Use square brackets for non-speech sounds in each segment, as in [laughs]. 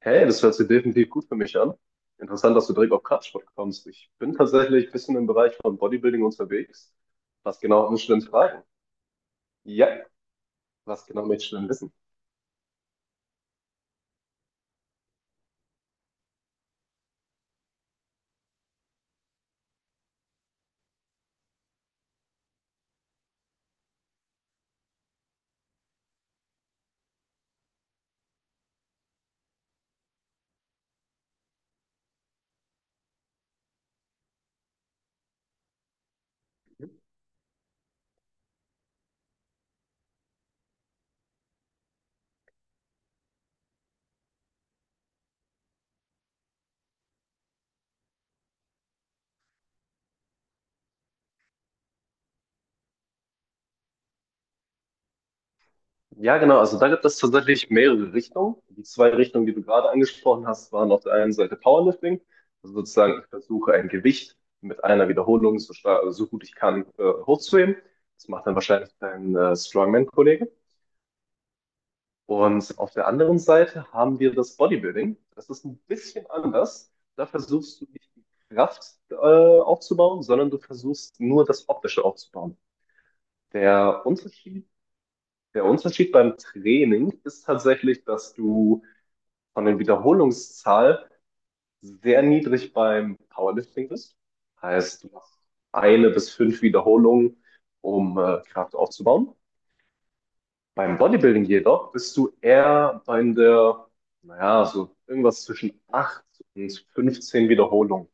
Hey, das hört sich definitiv gut für mich an. Interessant, dass du direkt auf Kraftsport kommst. Ich bin tatsächlich ein bisschen im Bereich von Bodybuilding unterwegs. Was genau möchtest du denn fragen? Ja, was genau möchtest du denn wissen? Ja, genau. Also da gibt es tatsächlich mehrere Richtungen. Die zwei Richtungen, die du gerade angesprochen hast, waren auf der einen Seite Powerlifting. Also sozusagen, ich versuche ein Gewicht mit einer Wiederholung so stark, so gut ich kann, hochzuheben. Das macht dann wahrscheinlich dein Strongman-Kollege. Und auf der anderen Seite haben wir das Bodybuilding. Das ist ein bisschen anders. Da versuchst du nicht die Kraft aufzubauen, sondern du versuchst nur das Optische aufzubauen. Der Unterschied, der Unterschied beim Training ist tatsächlich, dass du von der Wiederholungszahl sehr niedrig beim Powerlifting bist. Heißt, du machst eine bis fünf Wiederholungen, um Kraft aufzubauen. Beim Bodybuilding jedoch bist du eher bei der, naja, so irgendwas zwischen 8 und 15 Wiederholungen.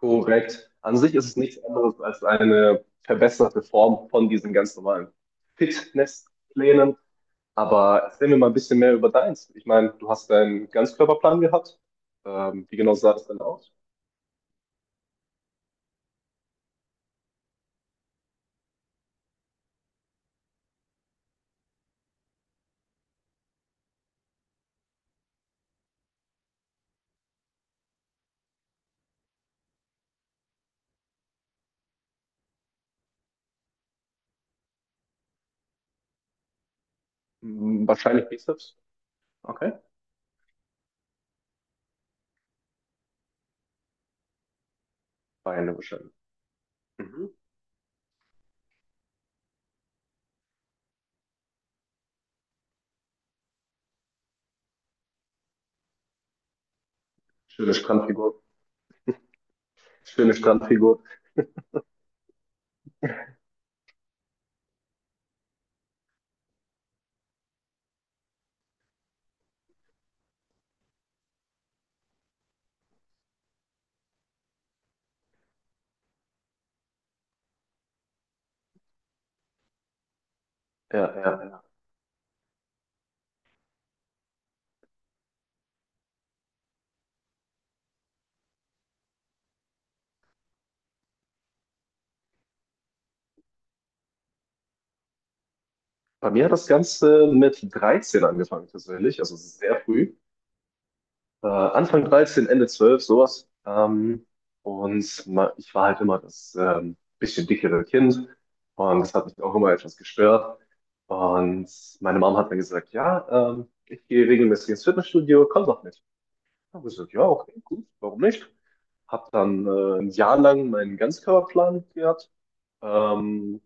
Korrekt. An sich ist es nichts anderes als eine verbesserte Form von diesen ganz normalen Fitnessplänen. Aber erzähl mir mal ein bisschen mehr über deins. Ich meine, du hast deinen Ganzkörperplan gehabt. Wie genau sah das denn aus? Wahrscheinlich Bizeps. Okay. Beine wahrscheinlich. Mhm. Schöne Strandfigur. Schöne Strandfigur. Ja, ja, ja. Bei mir hat das Ganze mit 13 angefangen tatsächlich, also sehr früh. Anfang 13, Ende 12, sowas. Ich war halt immer das bisschen dickere Kind und das hat mich auch immer etwas gestört. Und meine Mom hat dann gesagt, ja, ich gehe regelmäßig ins Fitnessstudio, komm doch mit. Ich habe gesagt, ja, okay, gut, warum nicht? Habe dann ein Jahr lang meinen Ganzkörperplan gehabt, ähm,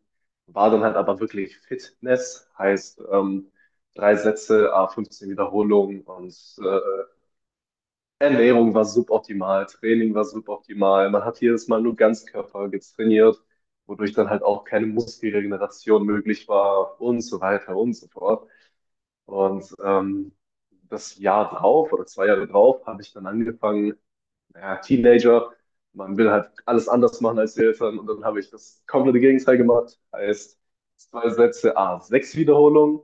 war dann halt aber wirklich Fitness, heißt drei Sätze, a 15 Wiederholungen und äh, Ernährung war suboptimal, Training war suboptimal. Man hat jedes Mal nur Ganzkörper getrainiert, wodurch dann halt auch keine Muskelregeneration möglich war und so weiter und so fort. Und das Jahr drauf oder zwei Jahre drauf habe ich dann angefangen, ja, Teenager, man will halt alles anders machen als die Eltern und dann habe ich das komplette Gegenteil gemacht. Heißt, zwei Sätze, sechs Wiederholungen,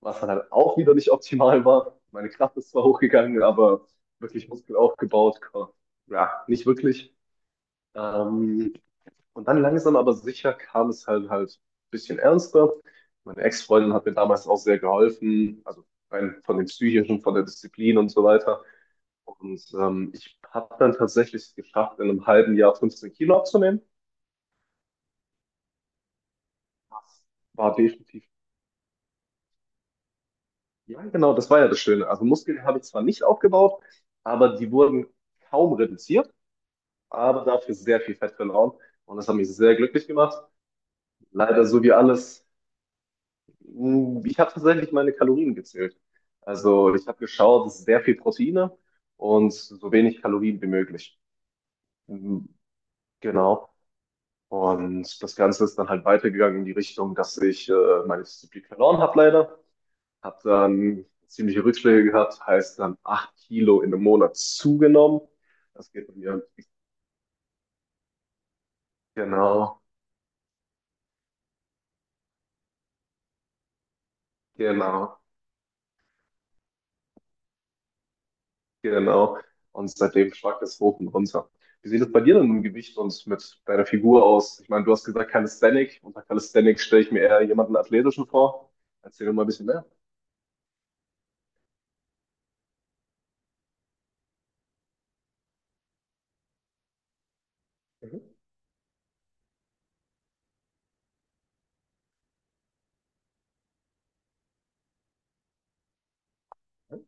was dann halt auch wieder nicht optimal war. Meine Kraft ist zwar hochgegangen, aber wirklich Muskel aufgebaut, ja, nicht wirklich. Ähm, und dann langsam aber sicher kam es halt ein bisschen ernster. Meine Ex-Freundin hat mir damals auch sehr geholfen, also rein von dem Psychischen, von der Disziplin und so weiter. Und ich habe dann tatsächlich es geschafft, in einem halben Jahr 15 Kilo abzunehmen. Das war definitiv, ja genau, das war ja das Schöne. Also Muskeln habe ich zwar nicht aufgebaut, aber die wurden kaum reduziert, aber dafür sehr viel Fett verloren. Und das hat mich sehr glücklich gemacht. Leider so wie alles, ich habe tatsächlich meine Kalorien gezählt. Also ich habe geschaut, es ist sehr viel Proteine und so wenig Kalorien wie möglich. Mhm, Genau. Und das Ganze ist dann halt weitergegangen in die Richtung, dass ich meine Disziplin verloren habe leider. Habe dann ziemliche Rückschläge gehabt, heißt dann 8 Kilo in einem Monat zugenommen. Das geht bei mir, genau, genau, genau. Und seitdem schwankt es hoch und runter. Wie sieht es bei dir denn mit dem Gewicht und mit deiner Figur aus? Ich meine, du hast gesagt Calisthenic. Unter Calisthenics stelle ich mir eher jemanden Athletischen vor. Erzähl mir mal ein bisschen mehr. Mhm. Mhm.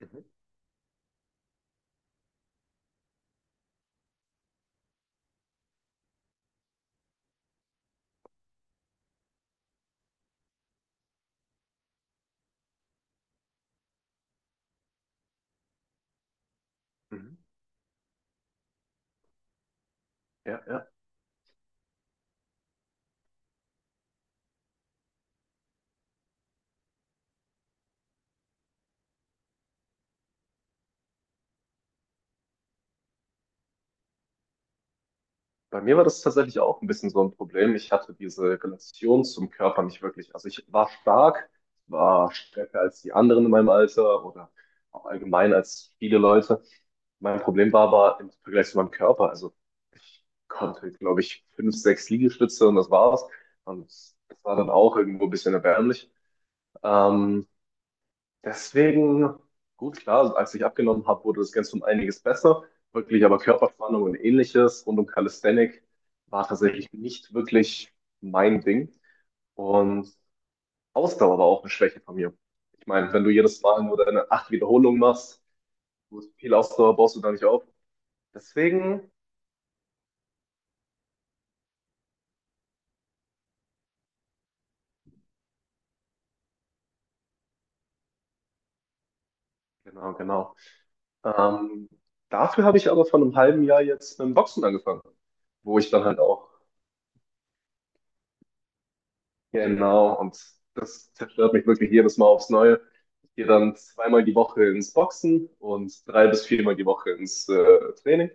Mhm. Mhm. Ja, ja. Bei mir war das tatsächlich auch ein bisschen so ein Problem. Ich hatte diese Relation zum Körper nicht wirklich. Also ich war stark, war stärker als die anderen in meinem Alter oder auch allgemein als viele Leute. Mein Problem war aber im Vergleich zu meinem Körper. Also ich konnte, glaube ich, fünf, sechs Liegestütze und das war's. Und das war dann auch irgendwo ein bisschen erbärmlich. Ähm, Deswegen, gut, klar, als ich abgenommen habe, wurde das Ganze um einiges besser. Wirklich, aber Körperspannung und ähnliches rund um Calisthenic war tatsächlich nicht wirklich mein Ding. Und Ausdauer war auch eine Schwäche von mir. Ich meine, wenn du jedes Mal nur deine acht Wiederholungen machst, gut, viel Ausdauer baust du da nicht auf. Deswegen, genau, genau. Ähm, Dafür habe ich aber vor einem halben Jahr jetzt mit dem Boxen angefangen, wo ich dann halt auch, genau, und das zerstört mich wirklich jedes Mal aufs Neue. Ich gehe dann zweimal die Woche ins Boxen und drei bis viermal die Woche ins Training.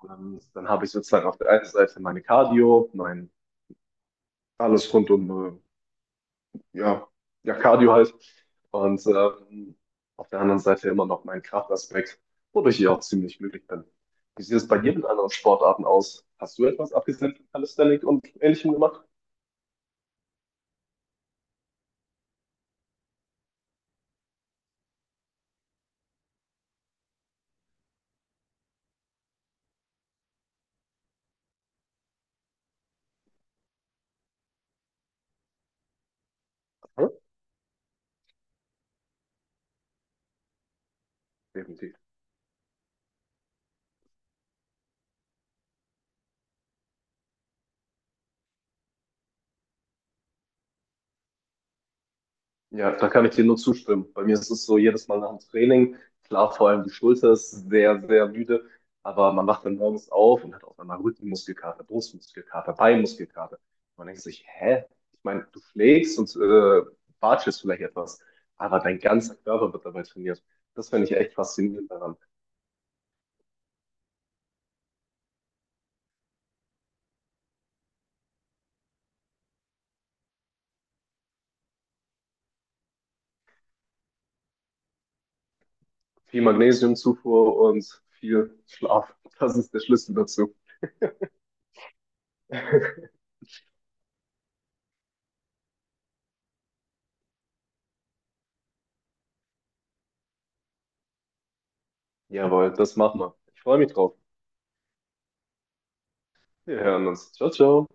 Und dann habe ich sozusagen auf der einen Seite meine Cardio, mein alles rund um, äh, ja, ja, Cardio halt. Und auf der anderen Seite immer noch meinen Kraftaspekt, wodurch ich auch ziemlich glücklich bin. Wie sieht es bei dir mit anderen Sportarten aus? Hast du etwas abgesehen von Calisthenics und Ähnlichem gemacht? Hm? Definitiv. Ja, da kann ich dir nur zustimmen. Bei mir ist es so, jedes Mal nach dem Training, klar, vor allem die Schulter ist sehr, sehr müde, aber man wacht dann morgens auf und hat auf einmal Rückenmuskelkater, Brustmuskelkater, Beinmuskelkater. Man denkt sich, hä? Ich meine, du schlägst und watschelst vielleicht etwas, aber dein ganzer Körper wird dabei trainiert. Das finde ich echt faszinierend daran. Viel Magnesiumzufuhr und viel Schlaf. Das ist der Schlüssel dazu. [laughs] Jawohl, das machen wir. Ich freue mich drauf. Wir hören uns. Ciao, ciao.